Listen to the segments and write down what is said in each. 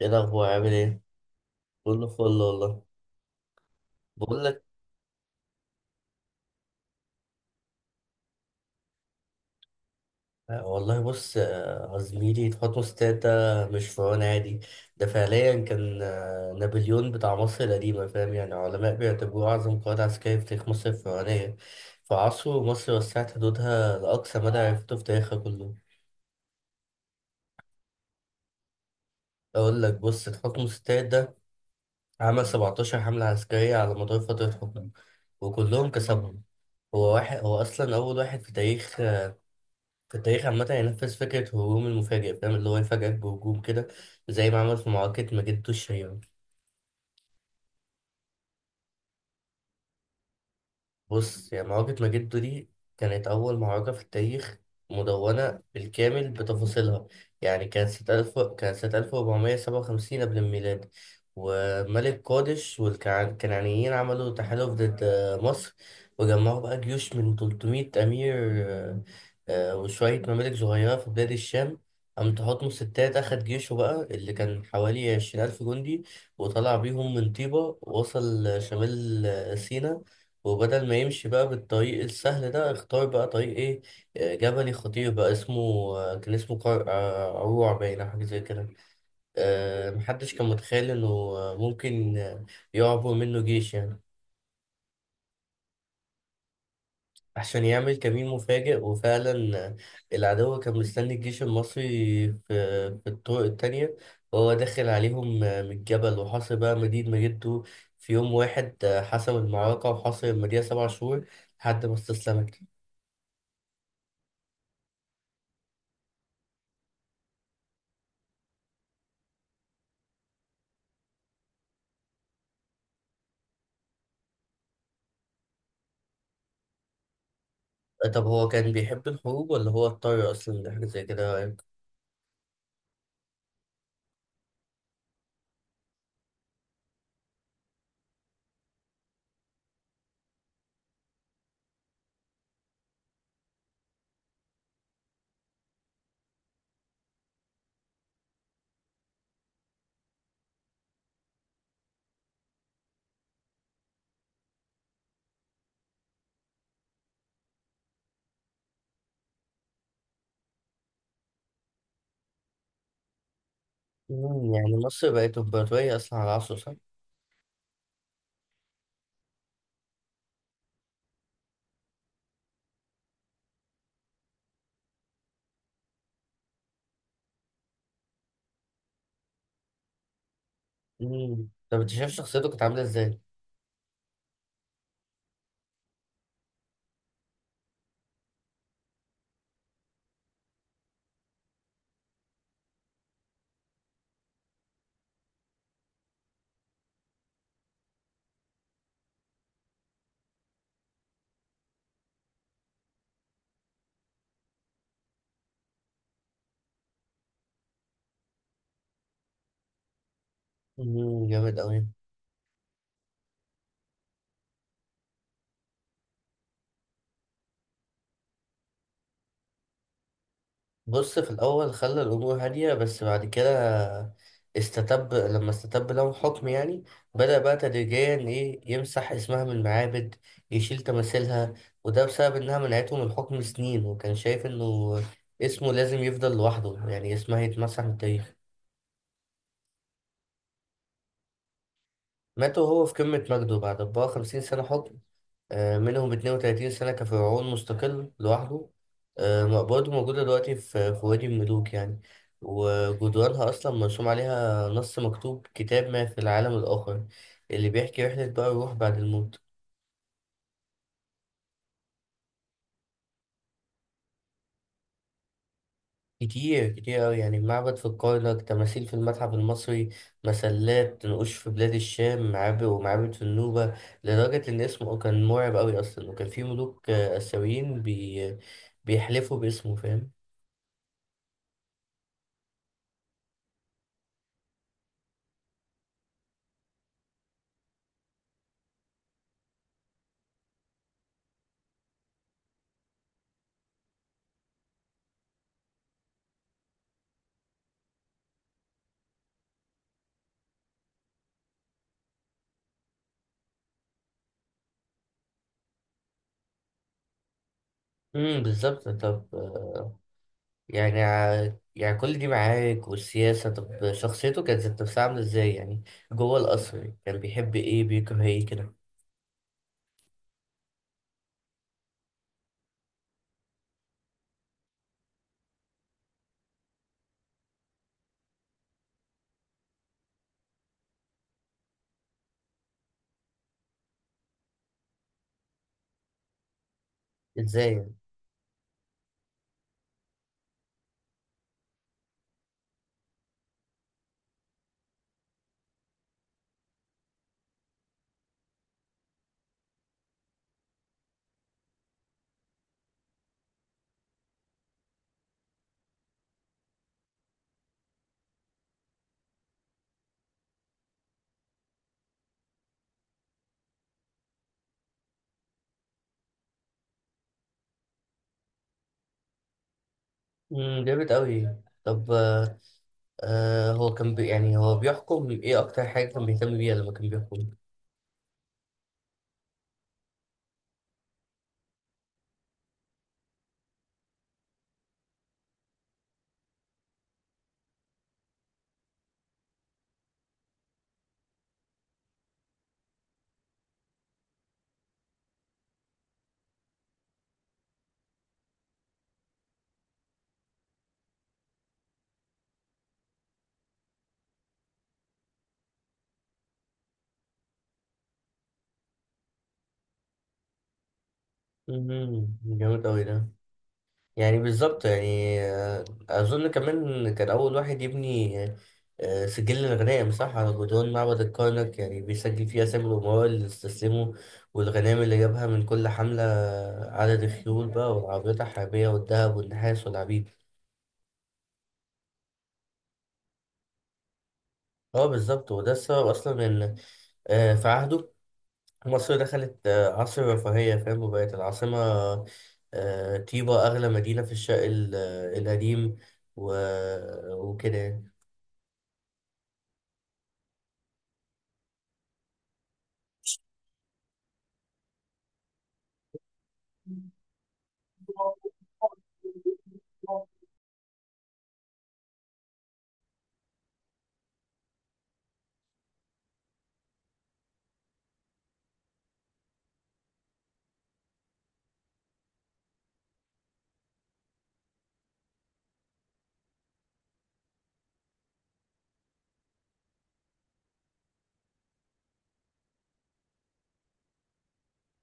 ايه الاخبار؟ عامل ايه؟ كله فل والله. بقول لك، والله بص، زميلي خطوه ستات ده مش فرعون عادي. ده فعليا كان نابليون بتاع مصر القديمه، فاهم؟ يعني علماء بيعتبروه اعظم قائد عسكري في تاريخ مصر الفرعونيه. في عصره مصر وسعت حدودها لاقصى مدى عرفته في تاريخها كله. اقول لك، بص، تحكم ستات ده عمل 17 حمله عسكريه على مدار فتره حكمه، وكلهم كسبهم. هو واحد، هو اصلا اول واحد في تاريخ، في التاريخ عامة ينفذ فكرة هجوم المفاجئ، فاهم؟ اللي هو يفاجئك بهجوم كده، زي ما عمل في معركة مجد الشهيرة. بص، يا معركة ماجدو دي كانت أول معركة في التاريخ مدونة بالكامل بتفاصيلها. يعني كانت سنة ألف كانت سنة 1457 قبل الميلاد، وملك قادش والكنعانيين عملوا تحالف ضد مصر، وجمعوا بقى جيوش من 300 أمير آه، وشوية ممالك صغيرة في بلاد الشام. قام تحتمس التالت أخد جيشه بقى، اللي كان حوالي 20,000 جندي، وطلع بيهم من طيبة ووصل شمال سيناء. وبدل ما يمشي بقى بالطريق السهل ده، اختار بقى طريق ايه؟ جبلي خطير بقى اسمه، كان اسمه قرع، عروع، باين أو حاجة زي كده. محدش كان متخيل انه ممكن يعبر منه جيش يعني. عشان يعمل كمين مفاجئ. وفعلا، العدو كان مستني الجيش المصري في, في الطرق التانية، وهو داخل عليهم من الجبل. وحاصر بقى مدينة مجده في يوم واحد، حسم المعركة وحاصر المدينة 7 شهور لحد ما استسلمت. طب هو كان بيحب الحروب ولا هو اضطر أصلا لحاجة زي كده، رأيك؟ مم، يعني مصر بقت إمبراطورية أصلا على عصره، صح؟ مم. طب أنت شايف شخصيته كانت عاملة إزاي؟ مم، جامد أوي. بص، في الأول خلى الأمور هادية، بس بعد كده استتب لهم حكم يعني. بدأ بقى تدريجيا، إيه، يمسح اسمها من المعابد، يشيل تماثيلها. وده بسبب إنها منعته من الحكم سنين، وكان شايف إنه اسمه لازم يفضل لوحده، يعني اسمها يتمسح من التاريخ. مات وهو في قمة مجده بعد 54 سنة حكم، منهم 32 سنة كفرعون مستقل لوحده. مقبرته موجودة دلوقتي في في وادي الملوك يعني، وجدرانها أصلا مرسوم عليها نص مكتوب كتاب ما في العالم الآخر، اللي بيحكي رحلة بقى الروح بعد الموت. كتير كتير أوي يعني، معبد في الكرنك، تماثيل في المتحف المصري، مسلات، نقوش في بلاد الشام، معابد ومعابد في النوبة. لدرجة إن اسمه كان مرعب أوي أصلا، وكان في ملوك آسيويين بيحلفوا باسمه، فاهم؟ امم، بالظبط. طب يعني يعني كل دي معارك والسياسة، طب شخصيته كانت ذات نفسها عاملة ازاي يعني؟ جوه القصر كان بيحب ايه، بيكره ايه كده؟ ازاي يعني؟ امم، جامد أوي. طب هو كان يعني هو بيحكم ايه؟ اكتر حاجة كان بيهتم بيها لما كان بيحكم؟ مهم. جامد أوي ده. يعني بالظبط يعني، أظن كمان كان أول واحد يبني سجل الغنائم، صح، على جدران معبد الكرنك. يعني بيسجل فيه أسامي الأمراء اللي استسلموا، والغنائم اللي جابها من كل حملة، عدد الخيول بقى والعربيات الحربية والذهب والنحاس والعبيد. اه، بالظبط. وده السبب أصلا إن في عهده مصر دخلت عصر الرفاهية، فاهم، وبقت العاصمة، طيبة، أغلى مدينة في الشرق القديم. و... وكده يعني.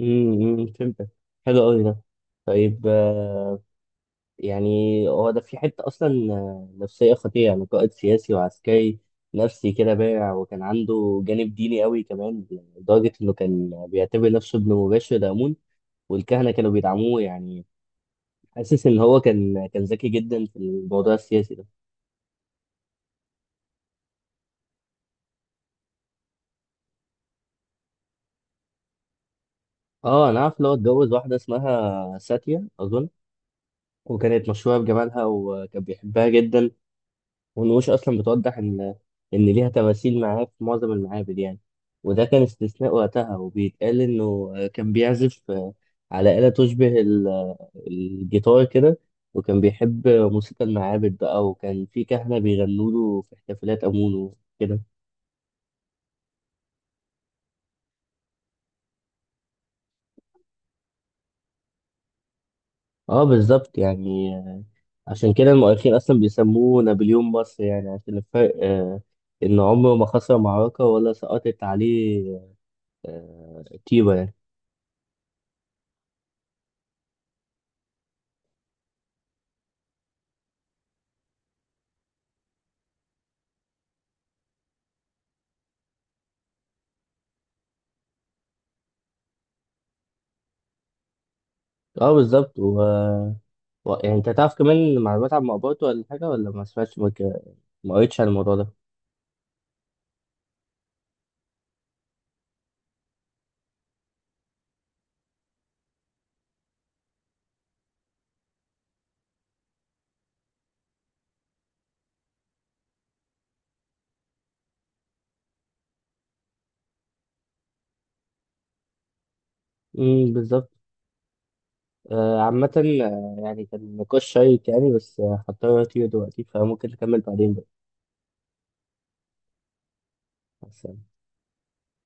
امم، فهمتك. حلو قوي ده. طيب، يعني هو ده في حتة أصلا نفسية خطيرة، يعني قائد سياسي وعسكري نفسي كده بارع، وكان عنده جانب ديني قوي كمان، لدرجة إنه كان بيعتبر نفسه ابن مباشر لآمون، والكهنة كانوا بيدعموه يعني. حاسس ان هو كان ذكي جدا في الموضوع السياسي ده. اه، انا عارف اللي هو اتجوز واحده اسمها ساتيا اظن، وكانت مشهوره بجمالها وكان بيحبها جدا، والنقوش اصلا بتوضح ان ليها تماثيل معاه في معظم المعابد يعني، وده كان استثناء وقتها. وبيتقال انه كان بيعزف على آلة تشبه الجيتار كده، وكان بيحب موسيقى المعابد بقى، وكان في كهنة بيغنوا له في احتفالات أمونه كده. اه، بالظبط يعني عشان كده المؤرخين اصلا بيسموه نابليون مصر، يعني عشان الفرق ان عمره ما خسر معركة ولا سقطت عليه آه، طيبة يعني. اه، بالظبط. و... و... يعني انت تعرف كمان معلومات عن مقبرته ولا حاجة؟ ولا ما سمعتش، ما ما قريتش عن الموضوع ده؟ امم، بالظبط. عامة، يعني كان نقاش شيق يعني، بس هضطر اطير دلوقتي، فممكن نكمل بعدين بقى. مع السلامة.